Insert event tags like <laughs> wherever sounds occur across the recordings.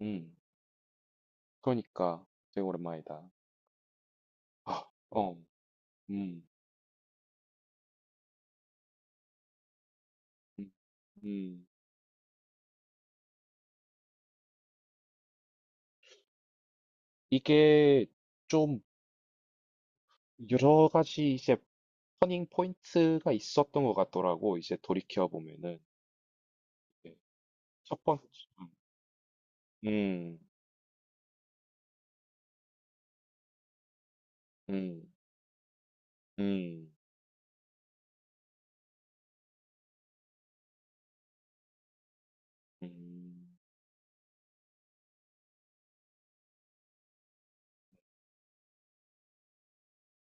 음. 그러니까 되게 오랜만이다. 어, 응. 음. 음. 음. 이게 좀 여러 가지 이제 터닝 포인트가 있었던 것 같더라고. 이제 돌이켜 보면은 예. 첫 번째. 음. 음. 음. 음. 음.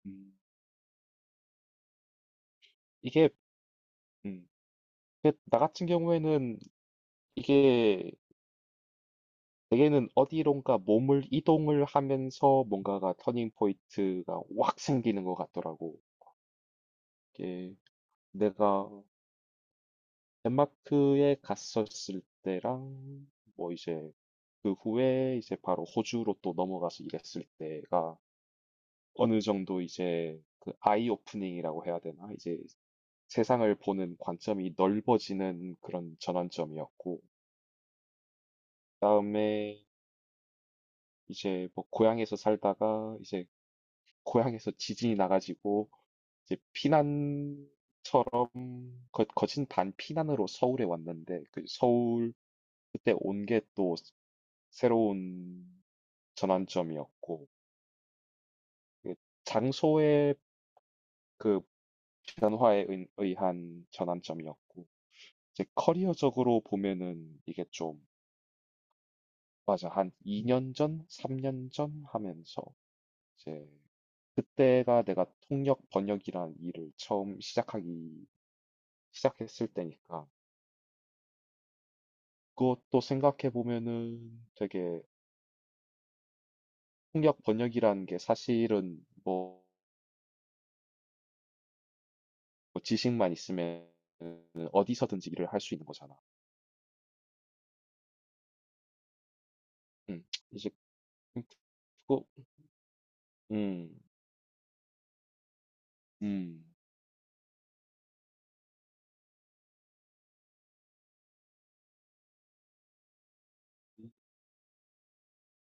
음. 이게 음. 근데 나 같은 경우에는 이게 내게는 어디론가 몸을 이동을 하면서 뭔가가 터닝 포인트가 확 생기는 것 같더라고. 이게 내가 덴마크에 갔었을 때랑 뭐 이제 그 후에 이제 바로 호주로 또 넘어가서 일했을 때가 어느 정도 이제 그 아이 오프닝이라고 해야 되나? 이제 세상을 보는 관점이 넓어지는 그런 전환점이었고, 그다음에 이제 뭐 고향에서 살다가 이제 고향에서 지진이 나가지고 이제 피난 거진 반 피난으로 서울에 왔는데 그 서울 그때 온게또 새로운 전환점이었고, 그 장소의 그 변화에 의한 전환점이었고, 이제 커리어적으로 보면은 이게 좀, 맞아, 한 2년 전, 3년 전 하면서, 이제, 그때가 내가 통역 번역이란 일을 처음 시작했을 때니까, 그것도 생각해 보면은 되게 통역 번역이라는 게 사실은 뭐, 지식만 있으면 어디서든지 일을 할 수 있는 거잖아. 음. 이제 음 그거 음. 음.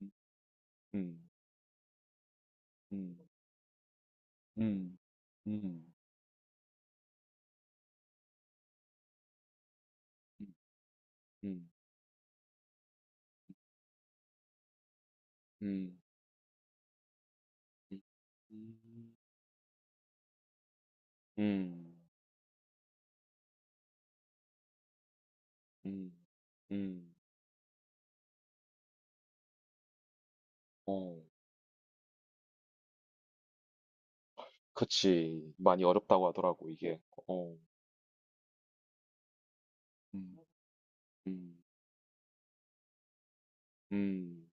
음 음. 음. 음. 음. 음. 음. 음. 음. 음. 음. 음. 어. 그치. 많이 어렵다고 하더라고 이게. 어. 음. 음. 음.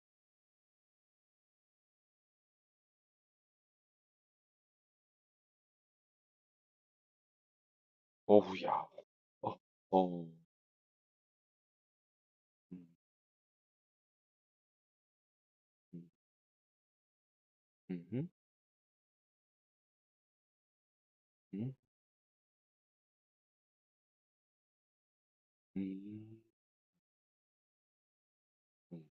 어우야. 어. 어. 음. 음. 음 음. 음. 음.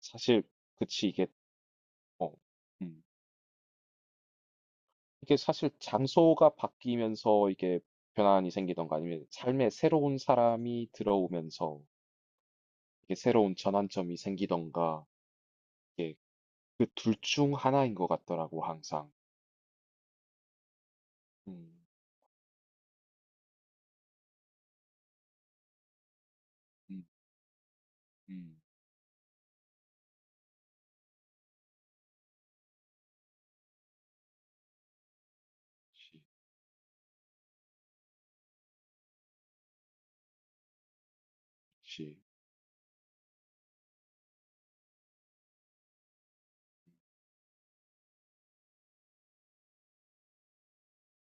사실 그치 이게 어. 음. 이게 사실 장소가 바뀌면서 이게 변환이 생기던가 아니면 삶에 새로운 사람이 들어오면서 이게 새로운 전환점이 생기던가 이게 그 둘 중 하나인 것 같더라고 항상. 음, 음, 음, 그치, 그치,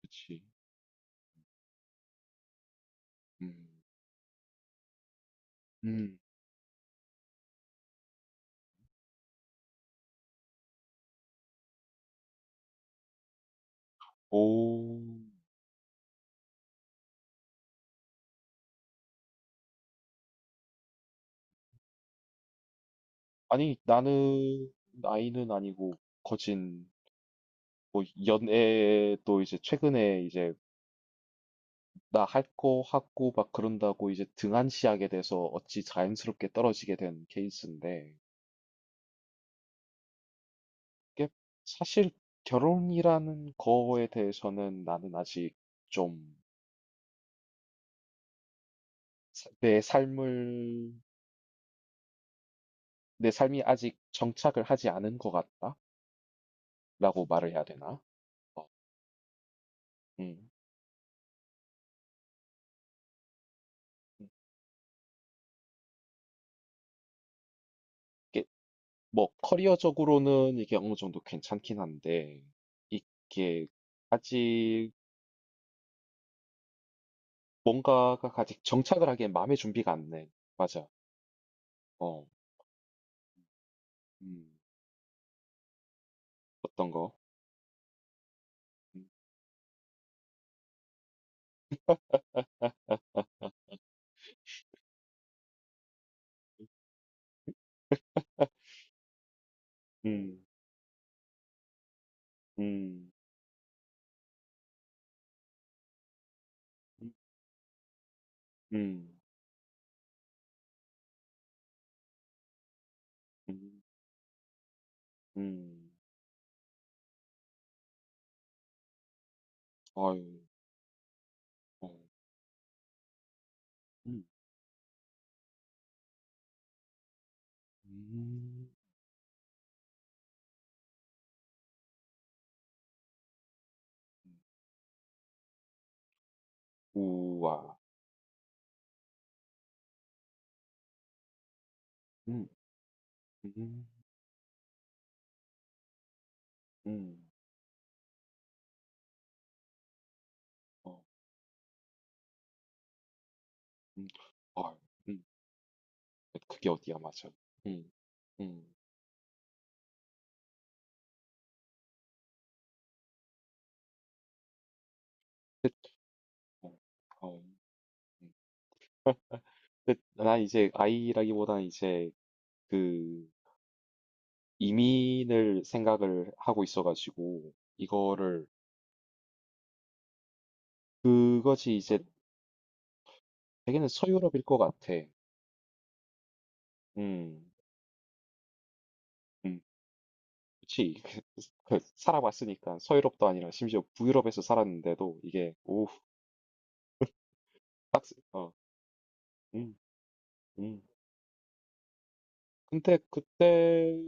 그치. 음, 음. 오, 아니 나는 나이는 아니고 거진 뭐 연애도 이제 최근에 이제 나 할 거 하고 막 그런다고 이제 등한시하게 돼서 어찌 자연스럽게 떨어지게 된 케이스인데, 이게 사실 결혼이라는 거에 대해서는 나는 아직 좀 내 삶을, 내 삶이 아직 정착을 하지 않은 것 같다? 라고 말을 해야 되나? 어, 음. 음. 이게 뭐 커리어적으로는 이게 어느 정도 괜찮긴 한데, 이게 아직 뭔가가 아직 정착을 하기엔 마음의 준비가 안 돼. 맞아. 어. 음. 어떤 거? 음. 음. 음. 음. 음. 음. 아유. 어. 음. 음. 음. 우와. 음. 음. 음. 어. 음. 아유. 음. 그게 어디야, 맞아. 음. 음. 끝. 어. 어. 음. 끝. 나 이제 아이라기보다는 이제 그 이민을 생각을 하고 있어가지고 이거를 그것이 이제 되게는 서유럽일 것 같아. 음. 음, 그치. <laughs> 그 살아봤으니까 서유럽도 아니라 심지어 북유럽에서 살았는데도 이게 오, 어, 음, 음. 근데 그때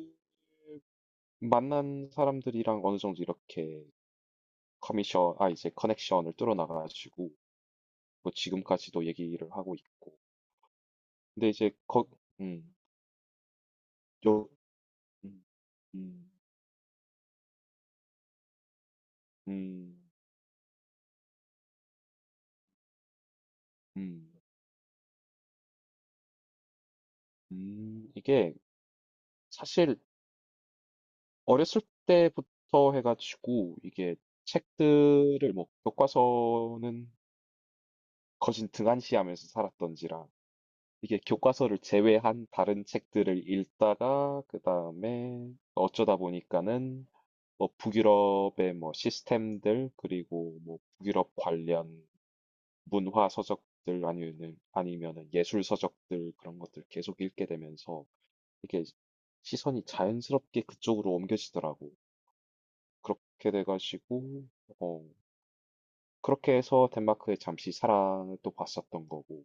만난 사람들이랑 어느 정도 이렇게 커미션, 아 이제 커넥션을 뚫어나가가지고 뭐 지금까지도 얘기를 하고 있고. 근데 이제 거, 음, 요, 음, 음, 음, 음, 이게 사실 어렸을 때부터 해가지고 이게 책들을 뭐 교과서는 거진 등한시하면서 살았던지라 이게 교과서를 제외한 다른 책들을 읽다가 그 다음에 어쩌다 보니까는 뭐 북유럽의 뭐 시스템들 그리고 뭐 북유럽 관련 문화 서적들 아니면은 예술 서적들 그런 것들 계속 읽게 되면서 이게 시선이 자연스럽게 그쪽으로 옮겨지더라고. 그렇게 돼가지고 어 그렇게 해서 덴마크에 잠시 사랑을 또 봤었던 거고.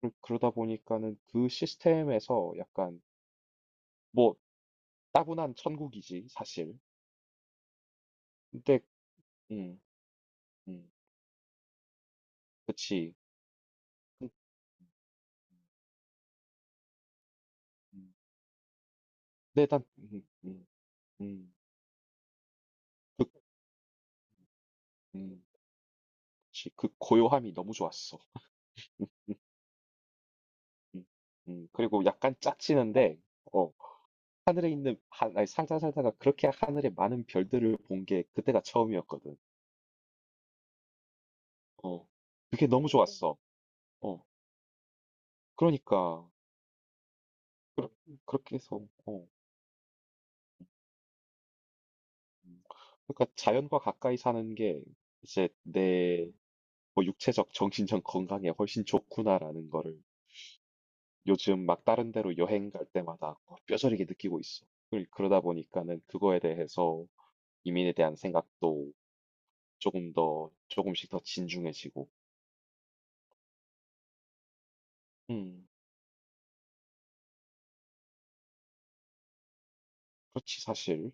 그러다 보니까는 그 시스템에서 약간 뭐 따분한 천국이지 사실. 근데 음, 음, 그치. 음, 음. 근데 일단 음, 그, 음, 그치. 그 고요함이 너무 좋았어. 음, 음, 그리고 약간 짜치는데 어, 하늘에 있는 아니, 살다 살다가 그렇게 하늘에 많은 별들을 본 게 그때가 처음이었거든. 어, 그게 너무 좋았어. 어, 그러니까 그렇, 그렇게 해서 어. 음. 그러니까 자연과 가까이 사는 게 이제 내 뭐 육체적, 정신적 건강에 훨씬 좋구나라는 거를 요즘 막 다른 데로 여행 갈 때마다 어, 뼈저리게 느끼고 있어. 그 그러다 보니까는 그거에 대해서 이민에 대한 생각도 조금 더 조금씩 더 진중해지고. 음, 그렇지 사실.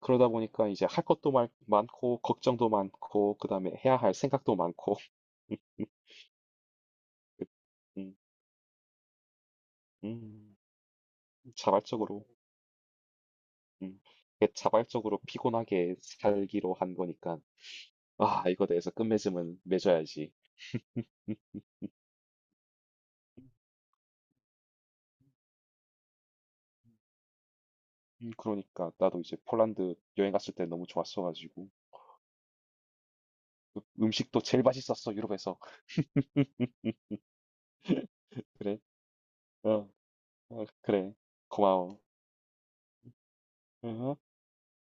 그러다 보니까 이제 할 것도 많고 걱정도 많고 그다음에 해야 할 생각도 많고. <laughs> 음, 음, 자발적으로. 음. 이게 자발적으로 피곤하게 살기로 한 거니까, 아, 이거 내에서 끝맺음은 맺어야지. 음, 그러니까 나도 이제 폴란드 여행 갔을 때 너무 좋았어가지고 그 음식도 제일 맛있었어 유럽에서 <laughs> 그래 어, 어, 그래 고마워 어.